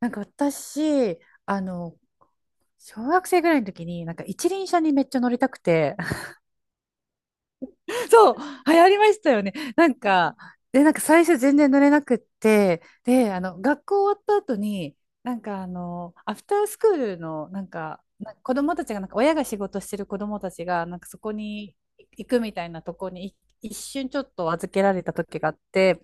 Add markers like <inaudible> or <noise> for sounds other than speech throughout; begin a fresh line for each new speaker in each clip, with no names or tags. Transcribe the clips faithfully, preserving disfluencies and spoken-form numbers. なんか私、あの、小学生ぐらいの時に、なんか一輪車にめっちゃ乗りたくて、<laughs> そう、流行りましたよね。なんか、で、なんか最初全然乗れなくって、で、あの、学校終わった後に、なんかあの、アフタースクールの、なんか、なんか子供たちが、なんか親が仕事してる子供たちが、なんかそこに行くみたいなとこにい一瞬ちょっと預けられた時があって、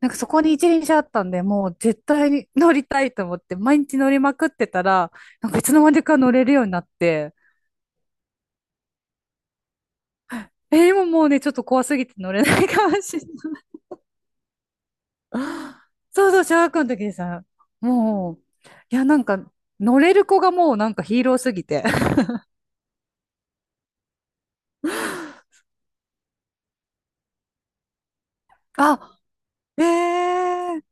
なんかそこに一輪車あったんで、もう絶対に乗りたいと思って、毎日乗りまくってたら、なんかいつの間にか乗れるようになって、え、今もうね、ちょっと怖すぎて乗れないかもしれない。<laughs> そうそう、小学校の時でさ、もう、いや、なんか乗れる子がもうなんかヒーローすぎて。<laughs> あ、ええ、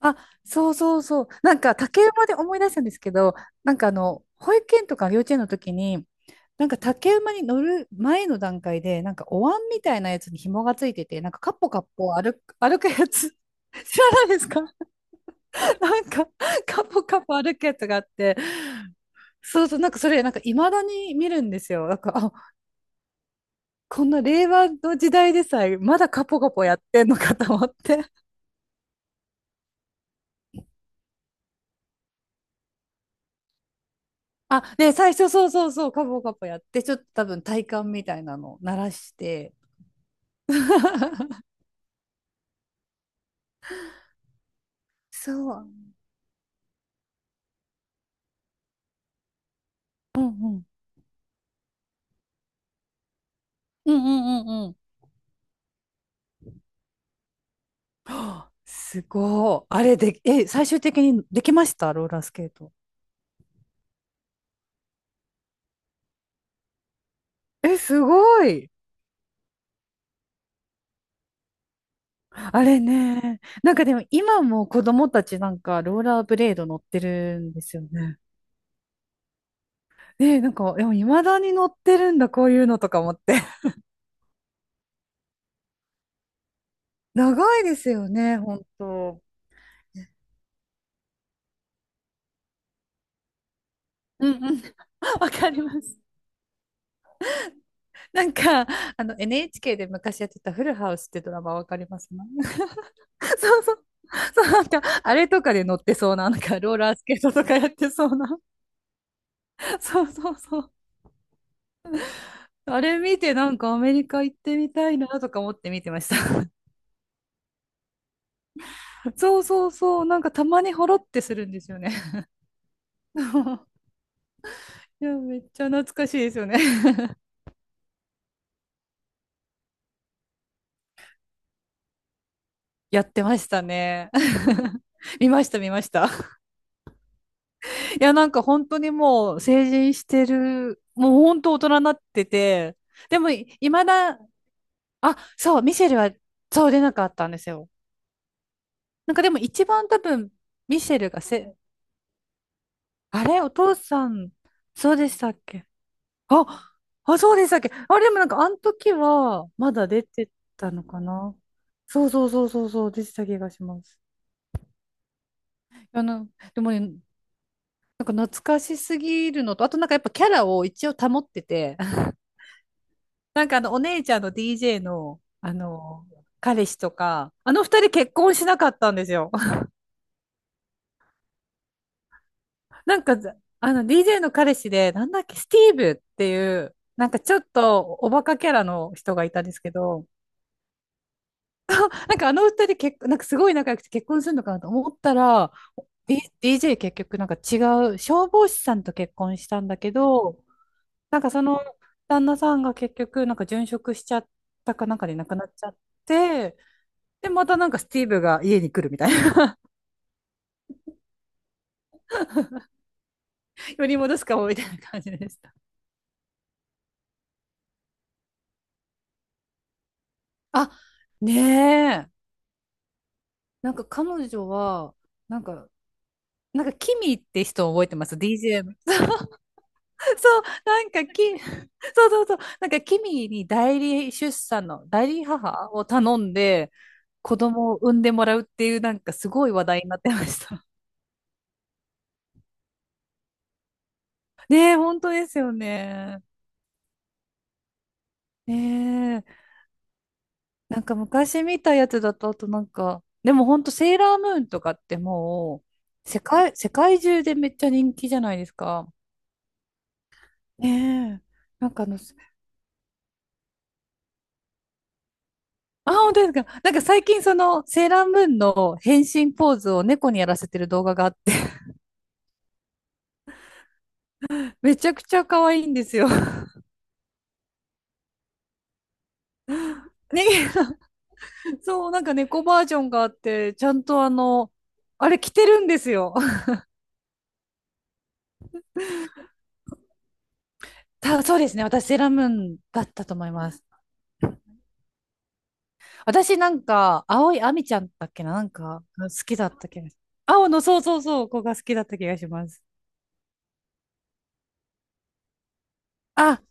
あ、そうそうそう。なんか竹馬で思い出したんですけど、なんかあの、保育園とか幼稚園の時に、なんか竹馬に乗る前の段階で、なんかお椀みたいなやつに紐がついてて、なんかカポカポ歩く、歩くやつ、<laughs> 知らないですか？ <laughs> なんかカポカポ歩くやつがあって、そうそう、なんかそれ、なんか未だに見るんですよ。なんか、あ、こんな令和の時代でさえ、まだカポカポやってんのかと思って。あ、ね、最初そうそうそう、カポカポやって、ちょっと多分体幹みたいなのを鳴らして。<laughs> そう。うんうんうんうんうんうん。すごい。あれで、え、最終的にできましたローラースケート？え、すごい。あれね。なんかでも今も子供たちなんかローラーブレード乗ってるんですよね。ね、なんか、でも未だに乗ってるんだ、こういうのとか思って。<laughs> 長いですよね、本当。うんうん。<laughs> わかります。なんか、あの、エヌエイチケー で昔やってたフルハウスってドラマわかります？ <laughs> そうそう。そう、なんか、あれとかで乗ってそうな、なんか、ローラースケートとかやってそうな。<laughs> そうそうそう。あれ見て、なんかアメリカ行ってみたいなとか思って見てました。<laughs> そうそうそう。なんかたまにほろってするんですよね。<laughs> いや、めっちゃ懐かしいですよね。<laughs> やってましたね。<laughs> 見ました、見ました。いや、なんか本当にもう成人してる、もう本当大人になってて、でもい、いまだ、あ、そう、ミシェルは、そう出なかったんですよ。なんかでも一番多分、ミシェルがせ、あれお父さん、そうでしたっけ？あ、あ、そうでしたっけ？あ、でもなんかあの時は、まだ出てたのかな。そうそうそうそうそう、出てた気がします。あの、でもね、なんか懐かしすぎるのと、あとなんかやっぱキャラを一応保ってて、なんかあの、お姉ちゃんの ディージェー の、あの、彼氏とか、あの二人結婚しなかったんですよ。<laughs> なんか、あの、ディージェー の彼氏で、なんだっけ、スティーブっていう、なんかちょっとおバカキャラの人がいたんですけど、なんかあの二人結、なんかすごい仲良くて結婚するのかなと思ったら、ディージェー 結局なんか違う、消防士さんと結婚したんだけど、なんかその旦那さんが結局なんか殉職しちゃったかなんかで亡くなっちゃって、で、またなんかスティーブが家に来るみたいな。<laughs> より戻すかもみたいな感じでした。あ、ねえ。なんか彼女は、なんか、なんかキミって人を覚えてます？ ディージェー の。<laughs> そう、そうなんかキ、<laughs> そうそうそう。なんかキミに代理出産の、代理母を頼んで、子供を産んでもらうっていう、なんかすごい話題になってました。<laughs> ねえ、本当ですよね。ねえ。なんか昔見たやつだと、あとなんか、でもほんとセーラームーンとかってもう、世界、世界中でめっちゃ人気じゃないですか。ねえ。なんかあの、あ、本当ですか。なんか最近そのセーラームーンの変身ポーズを猫にやらせてる動画があって、<laughs> めちゃくちゃ可愛いんですよ。<laughs> ね、そう、なんか猫バージョンがあって、ちゃんとあの、あれ着てるんですよ。<laughs> た、そうですね。私セーラームーンだったと思います。私なんか、青い亜美ちゃんだっけな、なんか、が好きだった気がし、青の、そうそうそう、子が好きだった気がします。あ、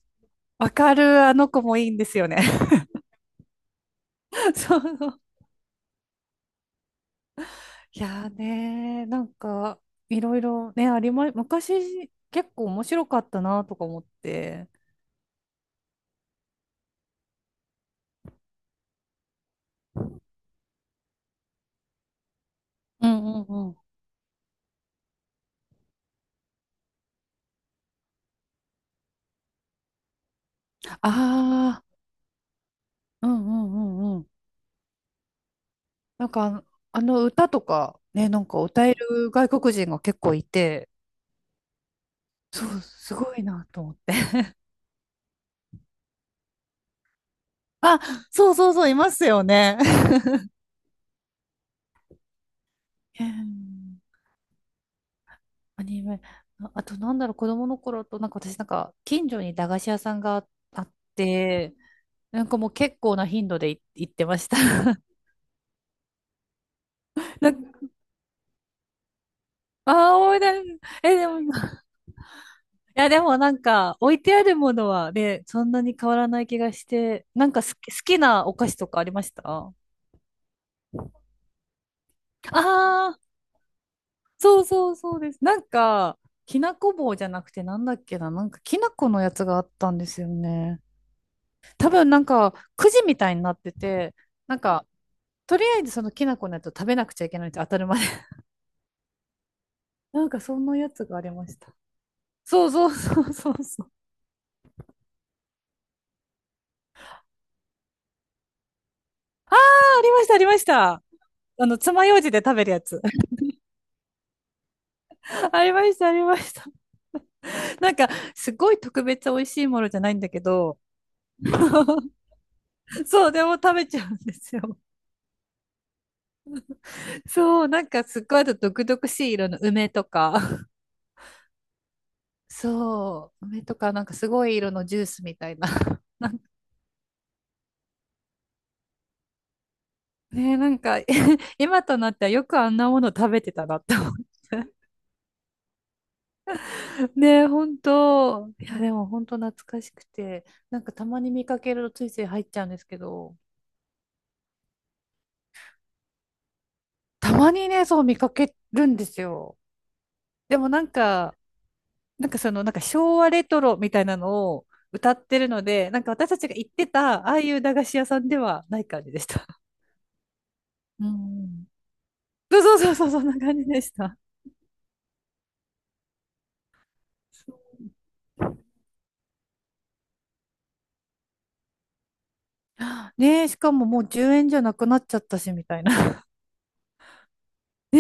わかる、あの子もいいんですよね。<laughs> そう。いやーねー、なんか、いろいろね、ありま、昔、結構面白かったなとか思って。うんうんうん。ああ、うんうんうんうん。なんか、あのあの歌とか、ね、なんか歌える外国人が結構いて、そう、すごいなと思って。<laughs> あ、そうそうそう、いますよね。<laughs> えー、アニメ。ああと、なんだろう、子供の頃と、なんか私、なんか、近所に駄菓子屋さんがあって、なんかもう結構な頻度でい行ってました。<laughs> なんか、ああ、思い出す。え、でも、<laughs> いや、でもなんか、置いてあるものはね、そんなに変わらない気がして、なんか好き、好きなお菓子とかありました？ああ、そうそうそうです。なんか、きなこ棒じゃなくてなんだっけな、なんかきなこのやつがあったんですよね。多分なんかくじみたいになってて、なんか、とりあえずそのきなこのやつを食べなくちゃいけないって当たるまで。<laughs> なんかそんなやつがありました。そうそうそうそうそう。ああ、ありました、ありました。あの、爪楊枝で食べるやつ。<laughs> ありました、ありました。なんか、すごい特別美味しいものじゃないんだけど、<laughs> そう、でも食べちゃうんですよ。そう、なんかすっごいあと毒々しい色の梅とか、<laughs> そう、梅とかなんかすごい色のジュースみたいな。<laughs> ねえ、なんか <laughs> 今となってはよくあんなもの食べてたなって思って。<laughs> ねえ、本当。いや、でも本当懐かしくて、なんかたまに見かけるとついつい入っちゃうんですけど、たまにね、そう見かけるんですよ。でもなんか、なんかその、なんか昭和レトロみたいなのを歌ってるので、なんか私たちが行ってた、ああいう駄菓子屋さんではない感じでした。うん。そうそうそうそう、そんな感じでした。ねえ、しかももうじゅうえんじゃなくなっちゃったし、みたいな。<laughs> ね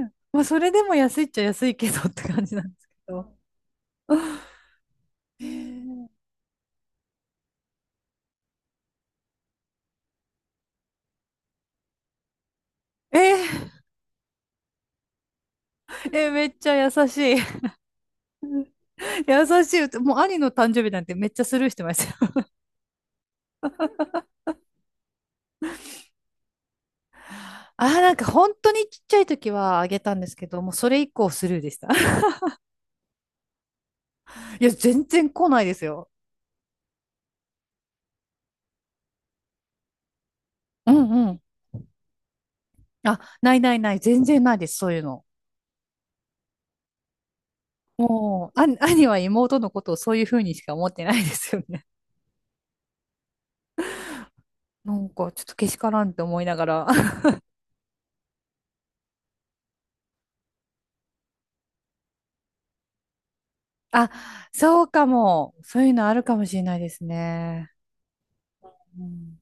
え。まあ、それでも安いっちゃ安いけどって感じなんですけど。<laughs> ねえ、えー、えー、めっちゃ優しい。<laughs> 優しい歌。もう兄の誕生日なんてめっちゃスルーしてましたよ。<laughs> あー、なんか本当にちっちゃい時はあげたんですけど、もうそれ以降スルーでした。<laughs> いや、全然来ないですよ。うんうん。あ、ないないない。全然ないです。そういうの。もう、あ、<laughs> 兄は妹のことをそういうふうにしか思ってないですよね。<laughs> なんか、ちょっとけしからんって思いながら。<laughs> あ、そうかも。そういうのあるかもしれないですね。うん